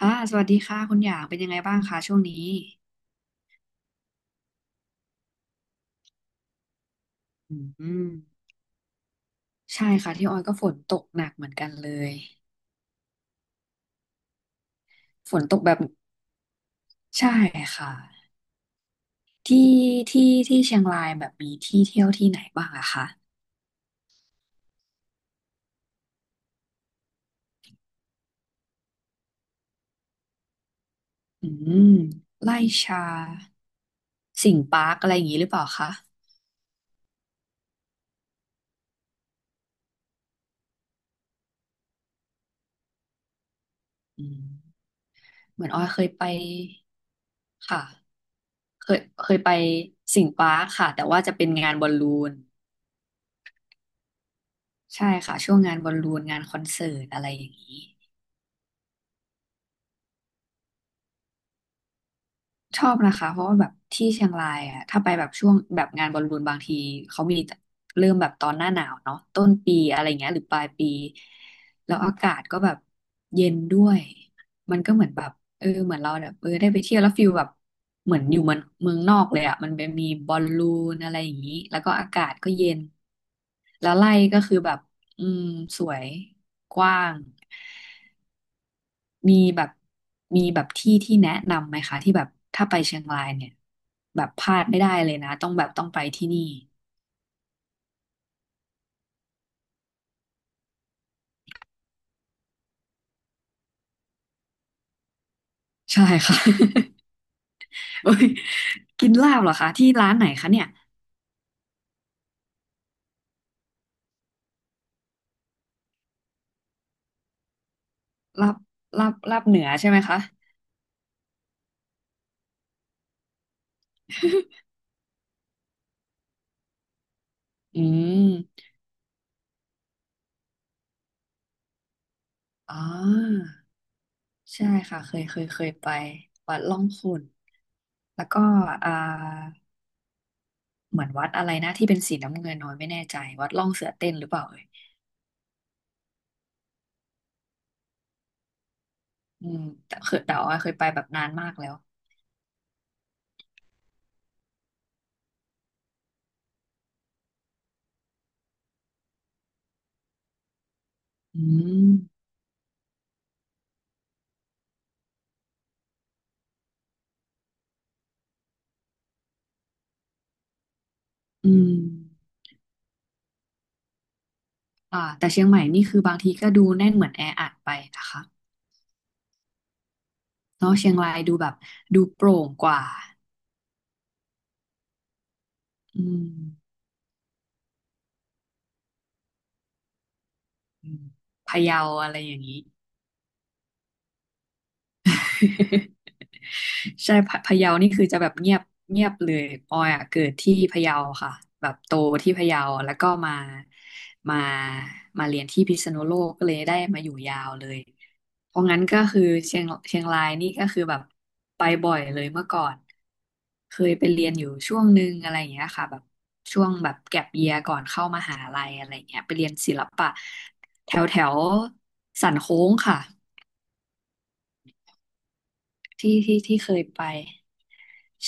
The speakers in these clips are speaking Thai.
สวัสดีค่ะคุณหยางเป็นยังไงบ้างคะช่วงนี้อืมใช่ค่ะที่ออยก็ฝนตกหนักเหมือนกันเลยฝนตกแบบใช่ค่ะที่ที่ที่เชียงรายแบบมีที่เที่ยวที่ไหนบ้างอะคะอืมไร่ชาสิงห์ปาร์คอะไรอย่างนี้หรือเปล่าคะอืมเหมือนออยเคยไปค่ะเคยไปสิงห์ปาร์คค่ะแต่ว่าจะเป็นงานบอลลูนใช่ค่ะช่วงงานบอลลูนงานคอนเสิร์ตอะไรอย่างนี้ ชอบนะคะเพราะว่าแบบที่เชียงรายอ่ะถ้าไปแบบช่วงแบบงานบอลลูนบางทีเขามีเริ่มแบบตอนหน้าหนาวเนาะต้นปีอะไรเงี้ยหรือปลายปีแล้วอากาศก็แบบเย็นด้วยมันก็เหมือนแบบเหมือนเราแบบได้ไปเที่ยวแล้วฟิลแบบเหมือนอยู่เมืองเมืองนอกเลยอ่ะมันเป็นมีบอลลูนอะไรอย่างนี้แล้วก็อากาศก็เย็นแล้วไร่ก็คือแบบอืมสวยกว้าง มีแบบมีแบบที่แนะนำไหมคะที่แบบถ้าไปเชียงรายเนี่ยแบบพลาดไม่ได้เลยนะต้องแบบต้องไปที่นี่ใช่ค่ะ โอ้ยกินลาบเหรอคะที่ร้านไหนคะเนี่ยลาบลาบลาบเหนือใช่ไหมคะ อืมอ๋อใช่ค่ะเคยเคยไปวัดล่องขุ่นแล้วก็อ่าเหมือนวัดอะไรนะที่เป็นสีน้ำเงินน้อยไม่แน่ใจวัดล่องเสือเต้นหรือเปล่าเอ่ยอืมแต่เคยแต่ว่าเคยไปแบบนานมากแล้วอืม อืมแต่เชียงใหม่นี่คือบางทีก็ดูแน่นเหมือนแออัดไปนะคะเนาะเชียงรายดูแบบดูโปร่งกว่าอืมอืมพะเยาอะไรอย่างนี้ ใช่พะเยานี่คือจะแบบเงียบเงียบเลยออยอ่ะเกิดที่พะเยาค่ะแบบโตที่พะเยาแล้วก็มามาเรียนที่พิษณุโลกก็เลยได้มาอยู่ยาวเลยเพราะงั้นก็คือเชียงรายนี่ก็คือแบบไปบ่อยเลยเมื่อก่อนเคยไปเรียนอยู่ช่วงหนึ่งอะไรอย่างเงี้ยค่ะแบบช่วงแบบแก็ปเยียก่อนเข้ามหาลัยอะไรเงี้ยไปเรียนศิลปะแถวแถวสันโค้งค่ะที่เคยไป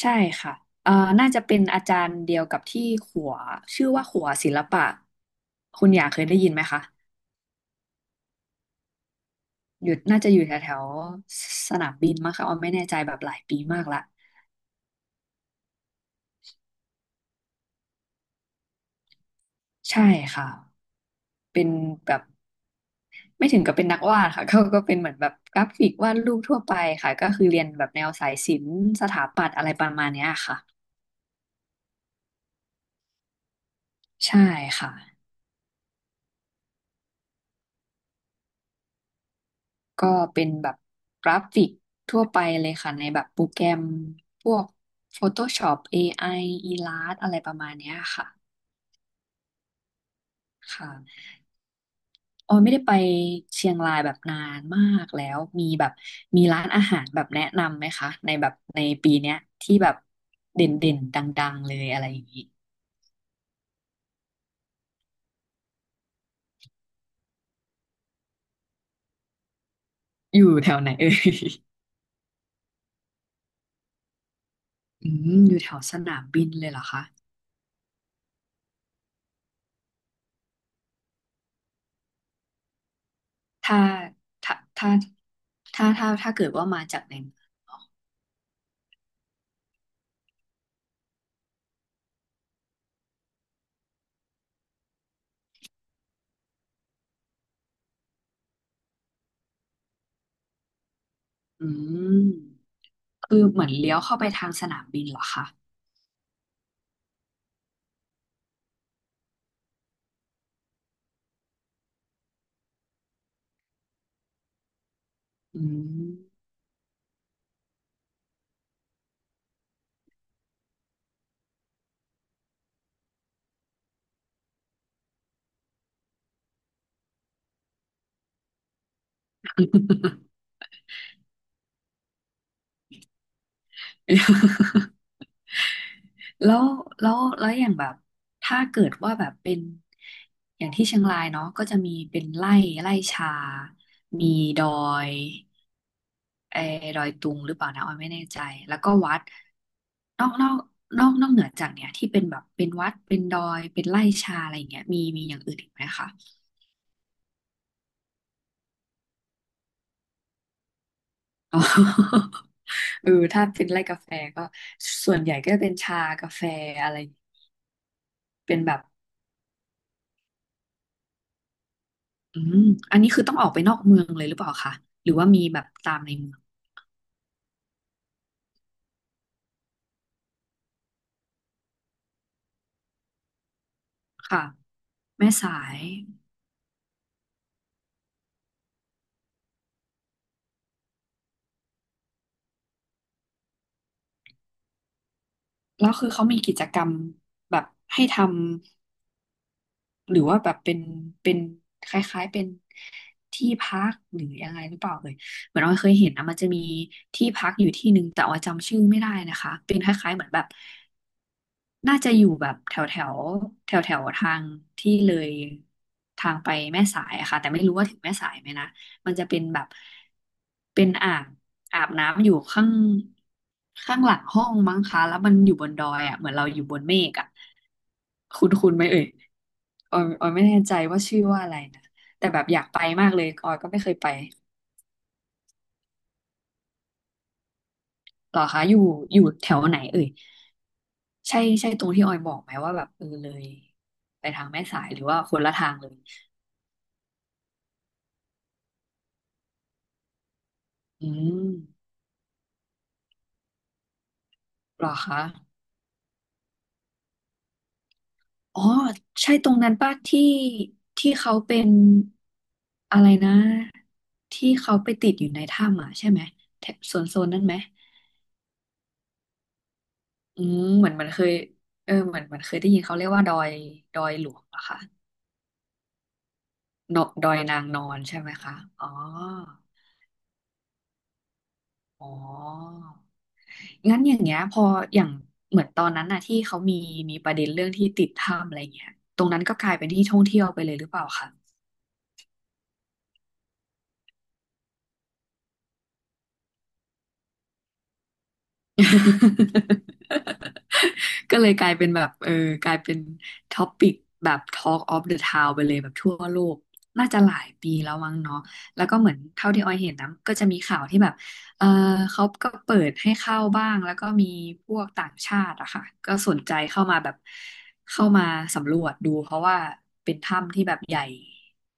ใช่ค่ะเอ่อน่าจะเป็นอาจารย์เดียวกับที่ขัว ชื่อว่าขัวศิลปะ คุณหยากเคยได้ยินไหมคะอยู่น่าจะอยู่แถวแถวสนามบินมั้งคะออมไม่แน่ใจแบบหลายปีมากละใช่ค่ะเป็นแบบไม่ถึงกับเป็นนักวาดค่ะ เขาก็เป็นเหมือนแบบกราฟิกวาดรูปทั่วไปค่ะ ก็คือเรียนแบบแนวสายศิลป์สถาปัตย์อะไรประมาณเนี้ยค่ะใช่ค่ะ ก็เป็นแบบกราฟิกทั่วไปเลยค่ะในแบบโปรแกรมพวก Photoshop AI อ l l u s t อะไรประมาณเนี้ยค่ะค่ะออยไม่ได้ไปเชียงรายแบบนานมากแล้วมีแบบมีร้านอาหารแบบแนะนำไหมคะในแบบในปีเนี้ยที่แบบเด่นเด่นดังๆเลยอะไรอย่างนี้อยู่แถวไหนเอ่ย อืมอยู่แถวสนามบินเลยเหรอคะถ้าถ้าถ้าถ้าถ้าเกิดว่ามาจากในอืม คือเหมือนเลี้ยวเข้าไปทางสนามบินเหรอคะอืม แล้วแล้วแล้วอย่างแบบถ้าเกิดว่าแบบเป็นอย่างที่เชียงรายเนาะก็จะมีเป็นไร่ไร่ชา มีดอยเออดอยตุงหรือเปล่านะออยไม่แน่ใจแล้วก็วัดนอกนอกนอกเหนือจากเนี้ยที่เป็นแบบเป็นวัดเป็นดอยเป็นไร่ชาอะไรอย่างเงี้ยมีมีอย่างอื่นอีกไหมคะ อ๋อ เออถ้าเป็นไร่กาแฟก็ส่วนใหญ่ก็จะเป็นชากาแฟอะไรเป็นแบบอืมอันนี้คือต้องออกไปนอกเมืองเลยหรือเปล่าคะหรือว่ามีแบบตามในเมืองค่ะแม่สายแล้วคือเขามีกิจกรรมแบบให้ทำหรือว่าแบบเป็นเป็นคล้ายๆเป็นที่พักหรือยังไงหรือเปล่าเลยเหมือนเราเคยเห็นนะมันจะมีที่พักอยู่ที่หนึ่งแต่ว่าจำชื่อไม่ได้นะคะเป็นคล้ายๆเหมือนแบบ น่าจะอยู่แบบแถวแถวแถวแถวๆทางที่เลยทางไปแม่สายอะค่ะแต่ไม่รู้ว่าถึงแม่สายไหมนะมันจะเป็นแบบเป็นอ่างอาบน้ำอยู่ข้างข้างหลังห้องมั้งคะแล้วมันอยู่บนดอยอ่ะเหมือนเราอยู่บนเมฆอ่ะคุณไหมเอ่ยออยไม่แน่ใจว่าชื่อว่าอะไรนะแต่แบบอยากไปมากเลยออยก็ไม่เคยไปหรอคะอยู่อยู่แถวไหนเอ่ยใช่ใช่ตรงที่ออยบอกไหมว่าแบบเออเลยไปทางแม่สายหรือว่าคนละทางเลย อืมเหรอคะอ๋อใช่ตรงนั้นป่ะที่ที่เขาเป็นอะไรนะที่เขาไปติดอยู่ในถ้ำอ่ะใช่ไหมแถบโซนนั่นไหมอืมเหมือนเหมันเคยเออเหมือนเหมันเคยได้ยินเขาเรียกว่าดอยหลวงเหรอคะเนอะดอยนางนอนใช่ไหมคะอ๋องั้นอย่างเงี้ยพออย่างเหมือนตอนนั้นน่ะที่เขามีประเด็นเรื่องที่ติดถ้ำอะไรเงี้ยตรงนั้นก็กลายเป็นที่ท่องเที่ยวไปเลยหรือเปล่าคะ ก็เลยกลายเป็นแบบเออกลายเป็นท็อปิกแบบ Talk of the Town ไปเลยแบบทั่วโลกน่าจะหลายปีแล้วมั้งเนาะแล้วก็เหมือนเท่าที่ออยเห็นนะก็จะมีข่าวที่แบบเออเขาก็เปิดให้เข้าบ้างแล้วก็มีพวกต่างชาติอะค่ะก็สนใจเข้ามาแบบเข้ามาสำรวจดูเพราะว่าเป็นถ้ำที่แบบใหญ่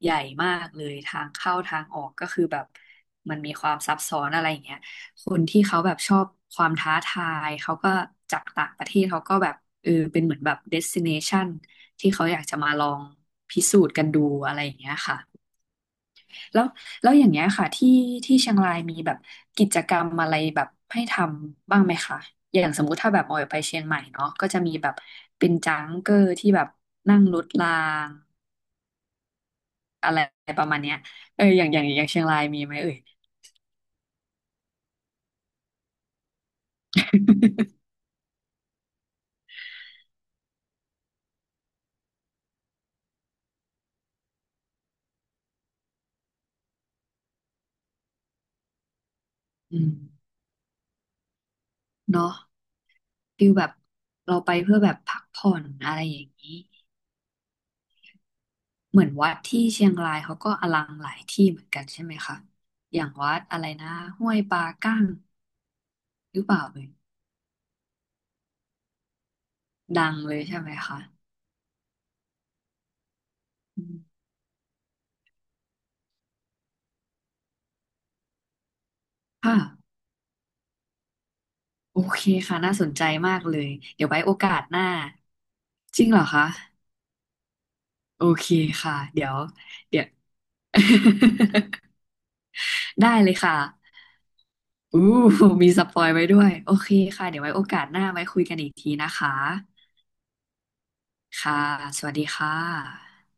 ใหญ่มากเลยทางเข้าทางออกก็คือแบบมันมีความซับซ้อนอะไรอย่างเงี้ย คนที่เขาแบบชอบความท้าทายเขาก็จากต่างประเทศเขาก็แบบเออเป็นเหมือนแบบเดสติเนชันที่เขาอยากจะมาลองพิสูจน์กันดูอะไรอย่างเงี้ยค่ะแล้วแล้วอย่างเงี้ยค่ะที่ที่เชียงรายมีแบบกิจกรรมอะไรแบบให้ทำบ้างไหมคะอย่างสมมุติถ้าแบบออยไปเชียงใหม่เนาะก็จะมีแบบเป็นจังเกอร์ที่แบบนั่งรถรางอะไรประมาณเนี้ยเอออย่างเชียงรายมีไหมเอ่ย อืม เนาะฟิลแบบเราไปเพื่อแบบพักผ่อนอะไรอย่างนี้เหมือนวัดที่เชียงรายเขาก็อลังหลายที่เหมือนกันใช่ไหมคะอย่างวัดอะไรนะห้วยปลากั้งหรือเปล่าเลยดังเลยใช่ไหมคะอืมค่ะโอเคค่ะน่าสนใจมากเลยเดี๋ยวไว้โอกาสหน้าจริงเหรอคะโอเคค่ะเดี๋ยว ได้เลยค่ะอู้มีสปอยไว้ด้วยโอเคค่ะเดี๋ยวไว้โอกาสหน้าไว้คุยกันอีกทีนะคะ ค่ะ สวัสดีค่ะ